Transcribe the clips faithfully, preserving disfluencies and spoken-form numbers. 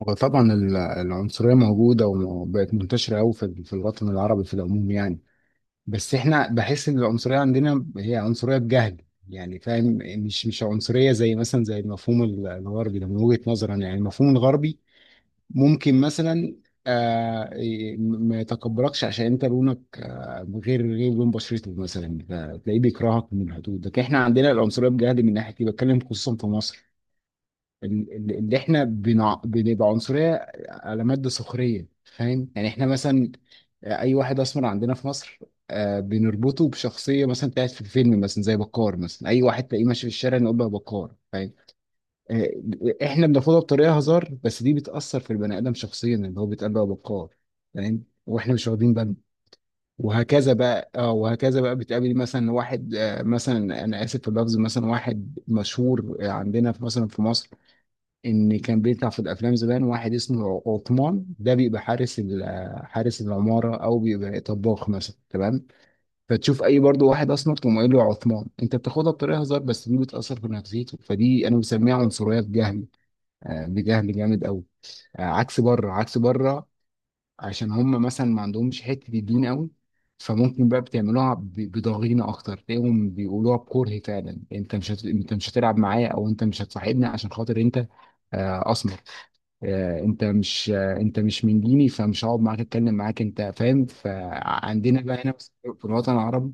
وطبعا ال- العنصرية موجودة وبقت منتشرة أوي في في الوطن العربي في العموم يعني. بس احنا بحس إن العنصرية عندنا هي عنصرية بجهل، يعني فاهم؟ مش مش عنصرية زي مثلا زي المفهوم ال- الغربي ده، من وجهة نظرا يعني المفهوم الغربي ممكن مثلا آه ي- ما يتقبلكش عشان انت لونك آه غير غير لون بشرته مثلا، فتلاقيه بيكرهك من الحدود. لكن احنا عندنا العنصرية بجهل من ناحية دي، بتكلم خصوصا في مصر. ال- ال- اللي احنا بنع... بنبقى عنصرية على مادة سخرية، فاهم؟ يعني احنا مثلا اي واحد اسمر عندنا في مصر، آه، بنربطه بشخصية مثلا بتاعت في الفيلم، مثلا زي بكار، مثلا اي واحد تلاقيه ماشي في الشارع نقول له يا بكار، فاهم؟ آه، احنا بناخدها بطريقة هزار بس دي بتأثر في البني آدم شخصيا اللي هو بيتقال له يا بكار، فاهم؟ واحنا مش واخدين بالنا. وهكذا بقى اه وهكذا بقى بتقابل مثلا واحد، آه، مثلا انا اسف في اللفظ، مثلا واحد مشهور آه، عندنا في مثلا في مصر، ان كان بيطلع في الافلام زمان، واحد اسمه عثمان ده، بيبقى حارس ال- حارس العماره او بيبقى طباخ مثلا، تمام. فتشوف اي برضو واحد اسمر تقوم قايل له عثمان، انت بتاخدها بطريقه هزار بس دي بتاثر في نفسيته، فدي انا بسميها عنصريه بجهل. آه، بجهل جامد قوي، آه، عكس بره، عكس بره. عشان هم مثلا ما عندهمش حته الدين قوي، فممكن بقى بتعملوها ب- بضغينه اكتر. تلاقيهم بيقولوها بكره فعلا. انت مش هت... انت مش هتلعب معايا او انت مش هتصاحبني عشان خاطر انت آه، اسمر، آه، انت مش آه، انت مش من ديني، فمش هقعد معاك اتكلم معاك انت، فاهم؟ فعندنا بقى هنا في الوطن العربي،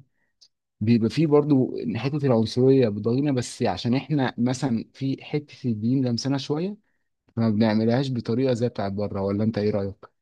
بيبقى فيه برضو حته العنصريه بتضايقنا، بس عشان احنا مثلا في حته الدين لمسنا شويه، فما بنعملهاش بطريقه زي بتاعت بره، ولا انت ايه رايك؟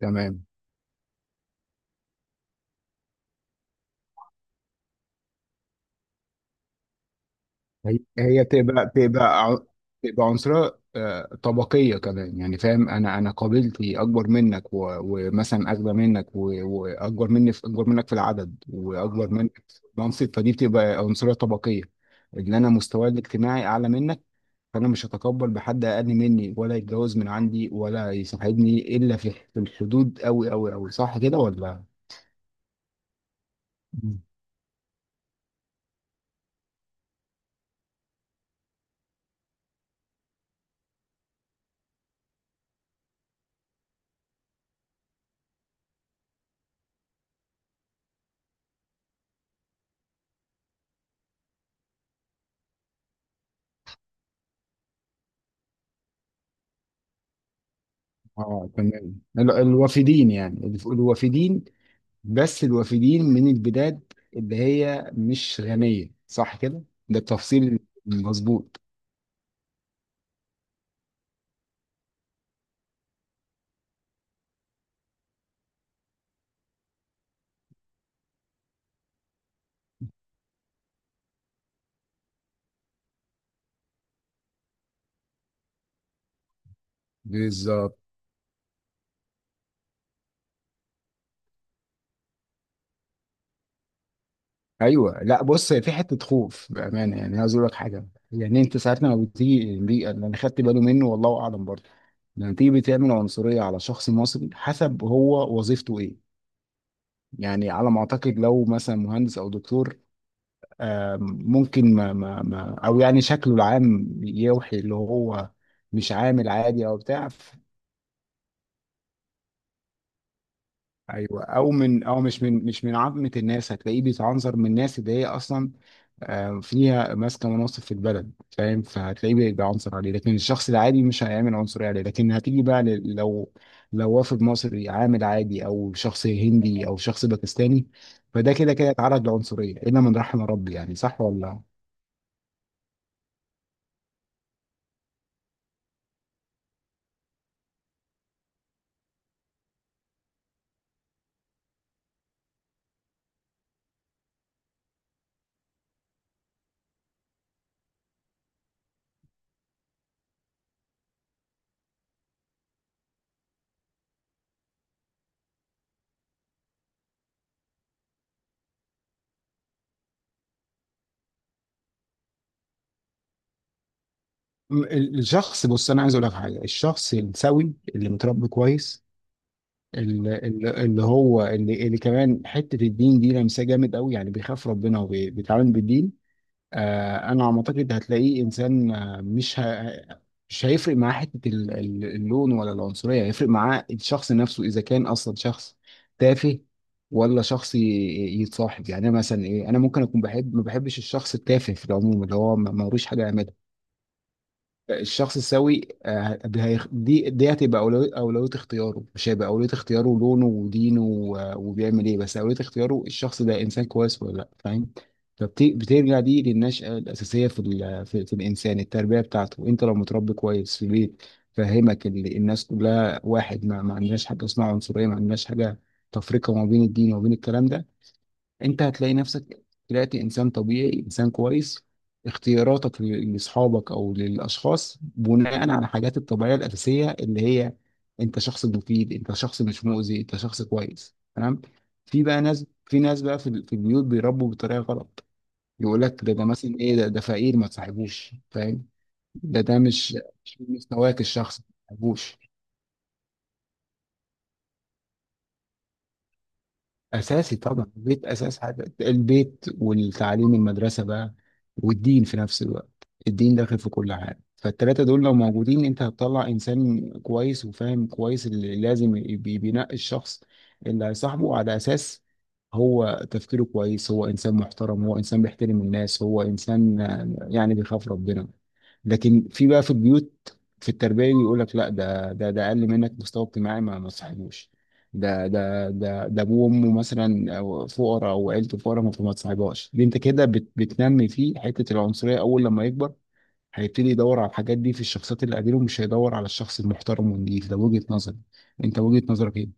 تمام. هي هي تبقى تبقى ع- تبقى عنصرية آه، طبقية كمان، يعني فاهم؟ أنا أنا قابلتي أكبر منك و- ومثلا أغنى منك و- وأكبر مني في أكبر منك في العدد وأكبر منك في المنصب، فدي بتبقى عنصرية طبقية. اللي أنا مستواي الاجتماعي أعلى منك، فأنا مش هتقبل بحد أقل مني ولا يتجوز من عندي ولا يصاحبني إلا في في الحدود أوي أوي أوي، صح كده ولا؟ مم. آه تمام، ال- الوافدين يعني الف- الوافدين، بس الوافدين من البلاد اللي هي مش غنية، صح كده؟ ده التفصيل المظبوط، بالظبط. ايوه، لا بص، هي في حته خوف بامانه، يعني عايز اقول لك حاجه. يعني انت ساعات لما بتيجي، دي اللي انا خدت بالي منه والله اعلم برضه، لما تيجي بتعمل عنصريه على شخص مصري حسب هو وظيفته ايه. يعني على ما اعتقد، لو مثلا مهندس او دكتور، آم، ممكن ما ما ما او يعني شكله العام يوحي اللي هو مش عامل عادي او بتاع. ايوه، او من او مش من مش من عامه الناس، هتلاقيه بيتعنظر من الناس اللي هي اصلا آه، فيها ماسكه مناصب في البلد، فاهم؟ فهتلاقيه بي- بيعنصر عليه، لكن الشخص العادي مش هيعمل عنصريه عليه، لكن هتيجي بقى ل- لو لو وافد مصري عامل عادي او شخص هندي او شخص باكستاني، فده كده كده اتعرض لعنصريه الا من رحم ربي، يعني صح ولا لا؟ م- ال- الشخص، بص انا عايز اقول لك حاجه، الشخص السوي اللي متربي كويس، اللي, اللي هو اللي, اللي كمان حته الدين دي لمسه جامد قوي، يعني بيخاف ربنا وبيتعامل بالدين. آه انا على ما اعتقد هتلاقيه انسان، آه، مش ه... مش هيفرق معاه حته ال- ال- اللون ولا العنصريه، هيفرق معاه الشخص نفسه اذا كان اصلا شخص تافه ولا شخص ي- يتصاحب. يعني أنا مثلا، ايه، انا ممكن اكون بحب ما بحبش الشخص التافه في العموم، اللي هو ما- ملوش حاجه يعملها. الشخص السوي آه، هيخ- دي دي هتبقى أولوية أولوية اختياره، مش هيبقى أولوية اختياره لونه ودينه و- وبيعمل إيه، بس أولوية اختياره الشخص ده إنسان كويس ولا لأ، فاهم؟ فبترجع دي للنشأة الأساسية في ال- في في الإنسان التربية بتاعته. أنت لو متربي كويس في بيت، فهمك ال- الناس كلها واحد، ما, ما عندناش حاجة اسمها عنصرية، ما عندناش حاجة تفرقة ما بين الدين وما بين الكلام ده. انت هتلاقي نفسك طلعت انسان طبيعي، انسان كويس، اختياراتك ل- لاصحابك او للاشخاص بناء على الحاجات الطبيعيه الاساسيه اللي هي انت شخص مفيد، انت شخص مش مؤذي، انت شخص كويس، تمام. في بقى ناس في ناس بقى في ال- في البيوت بيربوا بطريقه غلط، يقول لك ده ده مثلا، ايه، ده ده فقير، ما تصاحبوش، فاهم؟ ده ده مش مش من مستواك الشخصي، ما تصاحبوش. اساسي طبعا البيت، اساس حاجه البيت والتعليم المدرسه بقى والدين في نفس الوقت. الدين داخل في كل حاجه، فالتلاته دول لو موجودين انت هتطلع انسان كويس وفاهم كويس اللي لازم يبي- بينقي الشخص اللي هيصاحبه على اساس هو تفكيره كويس، هو انسان محترم، هو انسان بيحترم الناس، هو انسان آه، يعني بيخاف ربنا. لكن في بقى في البيوت في التربيه بيقول لك لا، ده ده ده اقل منك مستوى اجتماعي، ما ما تصاحبوش. ده ده ده ده ابوه وامه مثلا أو فقراء او عيلته فقراء، ما فما تصاحبهاش. دي انت كده بت بتنمي فيه حته العنصريه، اول لما يكبر هيبتدي يدور على الحاجات دي في الشخصيات اللي قديمه، مش هيدور على الشخص المحترم والنضيف. ده وجهه نظري، انت وجهه نظرك ايه؟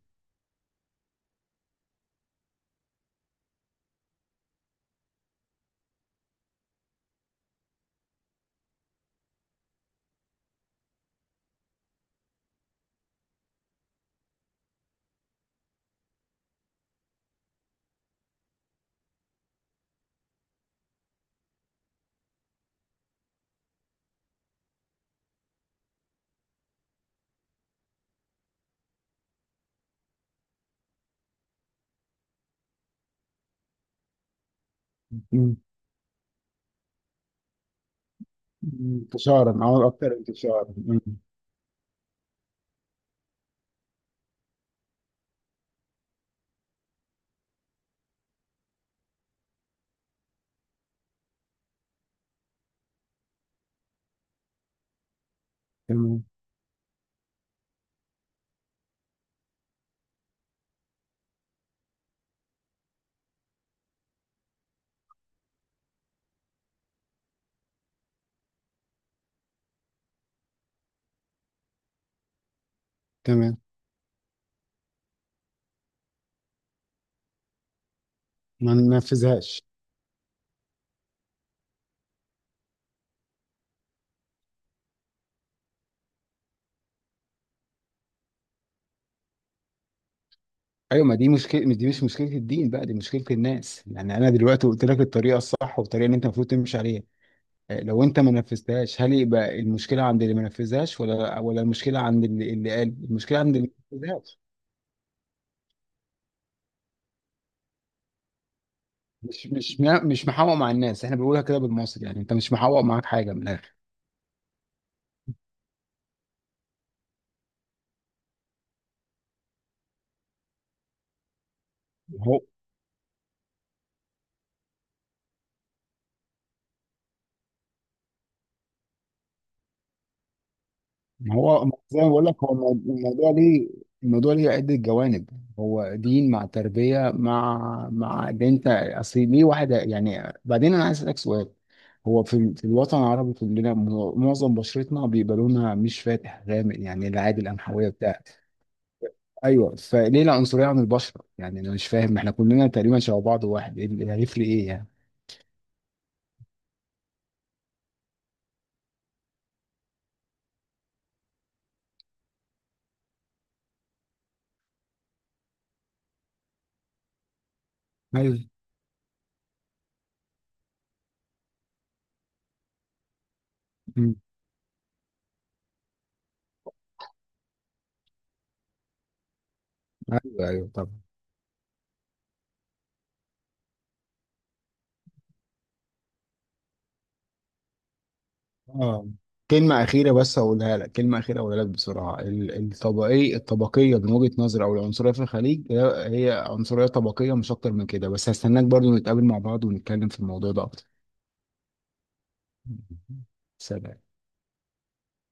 مم. مم. انتشارا او اكتر انتشارا. مم. تمام، تمام، ما ننفذهاش. ايوه، ما دي مشكله، دي مش مشكله الدين بقى، دي مشكله الناس، يعني انا دلوقتي قلت لك الطريقه الصح والطريقه اللي انت المفروض تمشي عليها. لو انت ما نفذتهاش، هل يبقى المشكله عند اللي ما نفذهاش ولا ولا المشكله عند اللي, اللي قال؟ المشكله عند اللي ما نفذهاش. مش مش مش محوق مع الناس، احنا بنقولها كده بالمصري، يعني انت مش محوق معاك حاجه من الاخر. هو ما هو زي ما بقول لك، هو المو- الموضوع ليه، الموضوع ليه عده جوانب. هو دين مع تربيه، مع مع ده انت اصل ليه واحد، يعني بعدين انا عايز اسالك سؤال. هو في ال- في الوطن العربي كلنا مو- معظم بشرتنا بيبقى لونها مش فاتح، غامق يعني العادي القمحويه بتاع. ايوه، فليه العنصريه عن البشره؟ يعني انا مش فاهم، احنا كلنا تقريبا شبه بعض واحد، ايه اللي هيفرق ايه يعني. ايوه. مم. ايوه، ايوه، طبعا. اه كلمة أخيرة بس هقولها لك، كلمة أخيرة هقولها لك بسرعة، ال- الطبقية الطبقية من وجهة نظري، أو العنصرية في الخليج هي هي عنصرية طبقية مش أكتر من كده، بس هستناك برضو نتقابل مع بعض ونتكلم في الموضوع ده أكتر. سلام.